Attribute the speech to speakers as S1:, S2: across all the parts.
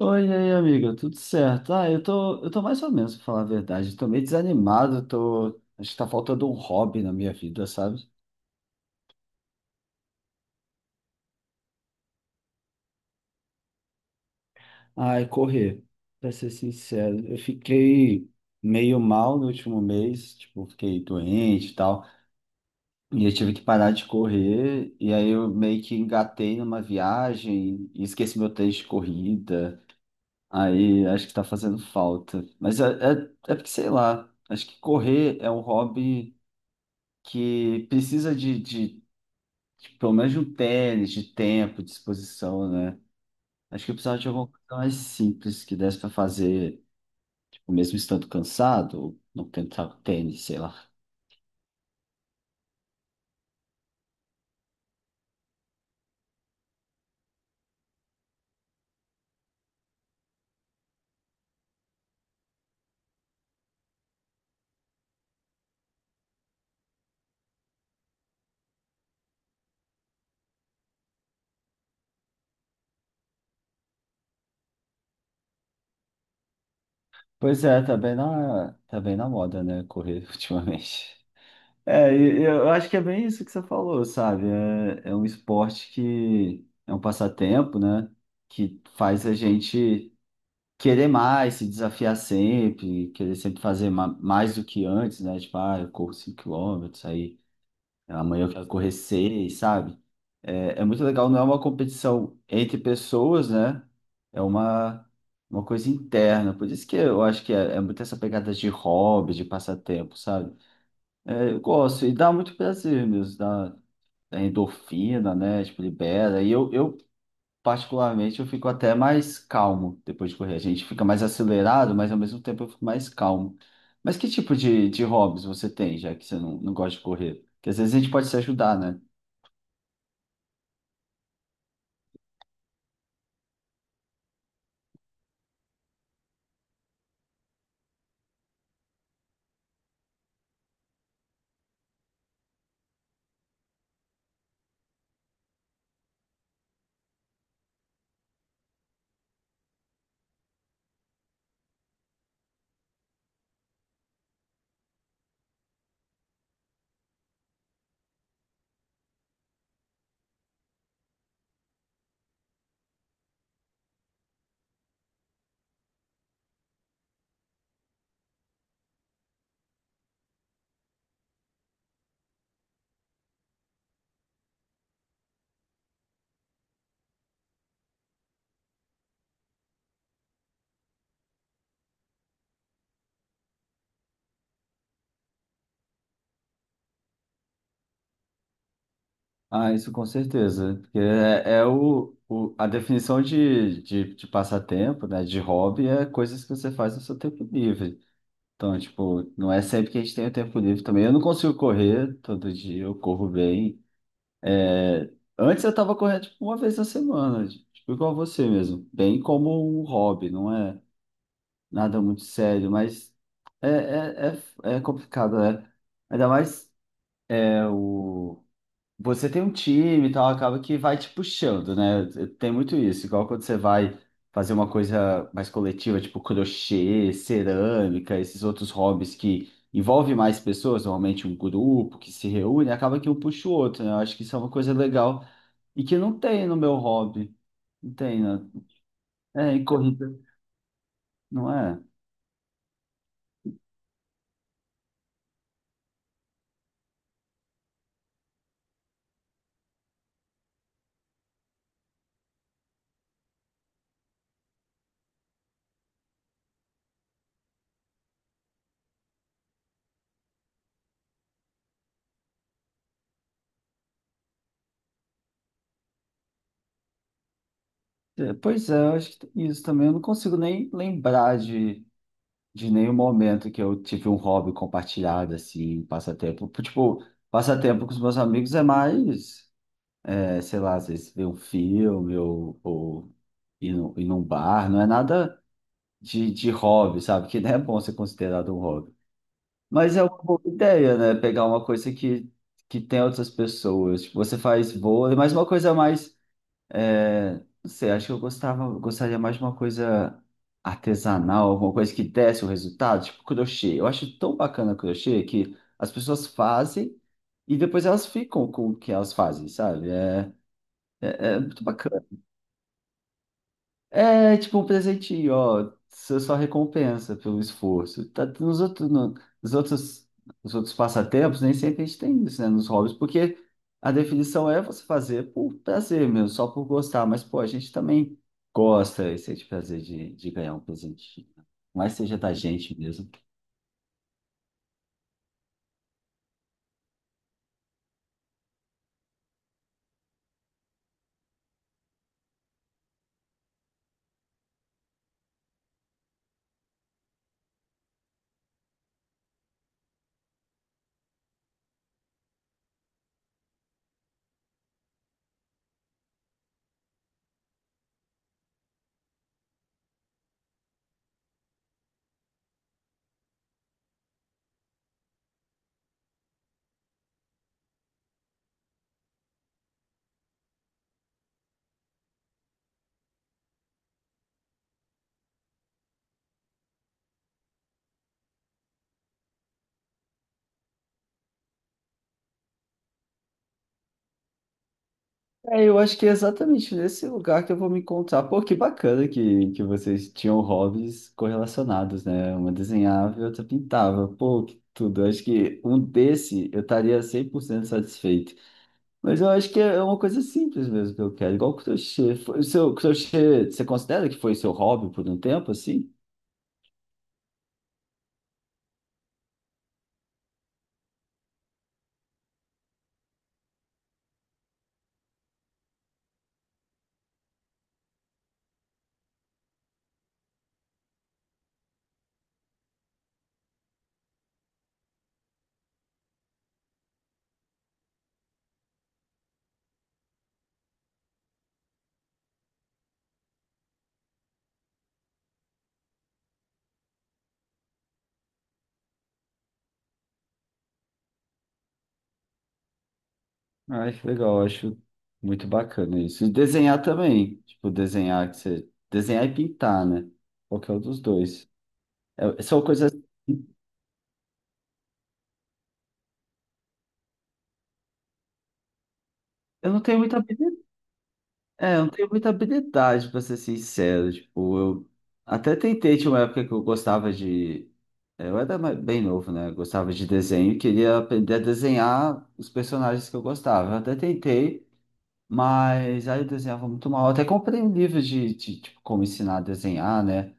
S1: Oi, e aí, amiga, tudo certo? Eu tô mais ou menos, pra falar a verdade. Tô meio desanimado, Acho que tá faltando um hobby na minha vida, sabe? Ai, correr, pra ser sincero. Eu fiquei meio mal no último mês, tipo, fiquei doente e tal. E eu tive que parar de correr, e aí eu meio que engatei numa viagem e esqueci meu tênis de corrida. Aí acho que tá fazendo falta. Mas é porque, sei lá, acho que correr é um hobby que precisa de pelo menos de um tênis, de tempo, de disposição, né? Acho que eu precisava de alguma coisa mais simples que desse para fazer, tipo, mesmo estando cansado, ou não tentar o tênis, sei lá. Pois é, tá bem na moda, né? Correr ultimamente. É, e eu acho que é bem isso que você falou, sabe? É, é um esporte que é um passatempo, né? Que faz a gente querer mais, se desafiar sempre, querer sempre fazer mais do que antes, né? Tipo, ah, eu corro 5 km aí amanhã eu quero correr 6, sabe? É, é muito legal, não é uma competição entre pessoas, né? É uma, uma coisa interna. Por isso que eu acho que é, é muito essa pegada de hobby, de passatempo, sabe? É, eu gosto e dá muito prazer mesmo, dá endorfina, né? Tipo, libera. E eu particularmente, eu fico até mais calmo depois de correr. A gente fica mais acelerado, mas ao mesmo tempo eu fico mais calmo. Mas que tipo de hobbies você tem, já que você não gosta de correr? Porque às vezes a gente pode se ajudar, né? Ah, isso com certeza. Porque é, é a definição de passatempo, né? De hobby é coisas que você faz no seu tempo livre. Então, tipo, não é sempre que a gente tem o tempo livre também. Eu não consigo correr todo dia, eu corro bem. É, antes eu estava correndo tipo, uma vez na semana, tipo igual você mesmo, bem como um hobby, não é nada muito sério, mas é, é, é complicado, né? Ainda mais é, o você tem um time e tal, acaba que vai te puxando, né? Tem muito isso, igual quando você vai fazer uma coisa mais coletiva, tipo crochê, cerâmica, esses outros hobbies que envolve mais pessoas, normalmente um grupo que se reúne, acaba que um puxa o outro, né? Eu acho que isso é uma coisa legal e que não tem no meu hobby. Não tem, né? É, em corrida, não é? É, Pois é, eu acho que tem isso também. Eu não consigo nem lembrar de nenhum momento que eu tive um hobby compartilhado, assim, passatempo. Tipo, passatempo com os meus amigos é mais, é, sei lá, às vezes ver um filme ou ir num bar, não é nada de hobby, sabe? Que não é bom ser considerado um hobby. Mas é uma boa ideia, né? Pegar uma coisa que tem outras pessoas. Tipo, você faz vôlei, mas uma coisa mais não sei, acho que eu gostava, gostaria mais de uma coisa artesanal, alguma coisa que desse o resultado, tipo crochê. Eu acho tão bacana crochê que as pessoas fazem e depois elas ficam com o que elas fazem, sabe? É muito bacana. É tipo um presentinho, ó. Você só recompensa pelo esforço. Tá, nos outros, nos outros passatempos, nem sempre a gente tem isso, né? Nos hobbies, porque a definição é você fazer por prazer mesmo, só por gostar. Mas, pô, a gente também gosta e sente prazer de ganhar um presentinho. Né? Mas seja da gente mesmo. É, eu acho que é exatamente nesse lugar que eu vou me encontrar. Pô, que bacana que vocês tinham hobbies correlacionados, né? Uma desenhava e outra pintava. Pô, que tudo. Eu acho que um desse eu estaria 100% satisfeito. Mas eu acho que é uma coisa simples mesmo que eu quero, igual crochê. O seu crochê, você considera que foi seu hobby por um tempo, assim? Ai, que legal. Eu Acho muito bacana isso. E desenhar também. Tipo, Desenhar e pintar, né? Qualquer um dos dois. É- são coisas Eu não tenho muita habilidade, é, eu não tenho muita habilidade, pra ser sincero. Tipo, eu até tentei, tinha uma época que eu gostava de. É, Eu era bem novo, né? Eu gostava de desenho, e queria aprender a desenhar os personagens que eu gostava. Eu até tentei, mas aí eu desenhava muito mal. Eu até comprei um livro tipo, como ensinar a desenhar, né?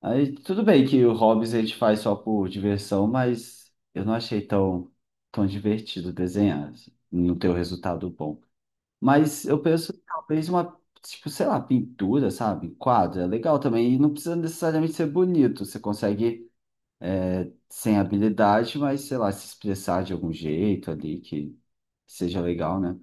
S1: Aí tudo bem que o Hobbes a gente faz só por diversão, mas eu não achei tão divertido desenhar, assim, não ter o resultado bom. Mas eu penso, tipo, sei lá, pintura, sabe? Quadro, é legal também. E não precisa necessariamente ser bonito. Você consegue, sem habilidade, mas, sei lá, se expressar de algum jeito ali que seja legal, né?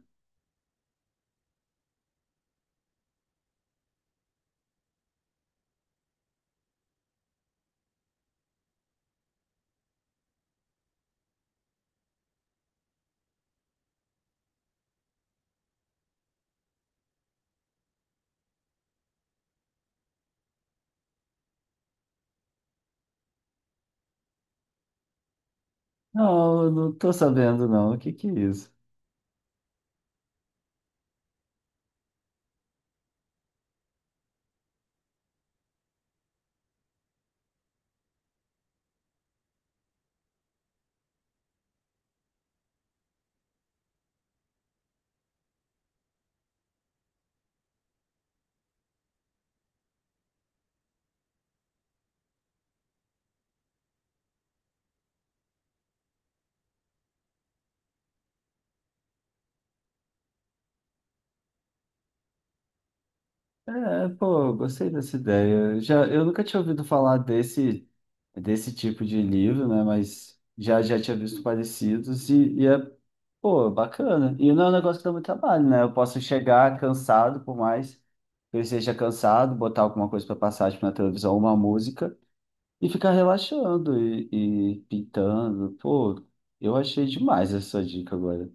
S1: Não, eu não tô sabendo, não. O que que é isso? É, pô, eu gostei dessa ideia. Eu nunca tinha ouvido falar desse tipo de livro, né? Mas já, já tinha visto parecidos Pô, bacana. E não é um negócio que dá muito trabalho, né? Eu posso chegar cansado, por mais que eu esteja cansado, botar alguma coisa para passar, tipo, na televisão, uma música, e ficar relaxando e pintando. Pô, eu achei demais essa dica agora.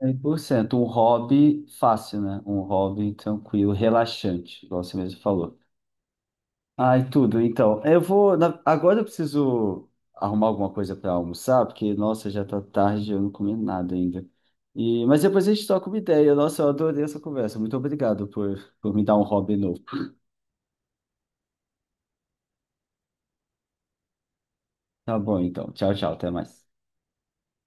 S1: É 100% um hobby fácil, né? Um hobby tranquilo, relaxante, igual você mesmo falou. Ai, tudo. Então, Agora eu preciso arrumar alguma coisa para almoçar, porque, nossa, já tá tarde, eu não comi nada ainda. Mas depois a gente troca uma ideia. Nossa, eu adorei essa conversa. Muito obrigado por me dar um hobby novo. Tá bom, então. Tchau, tchau. Até mais.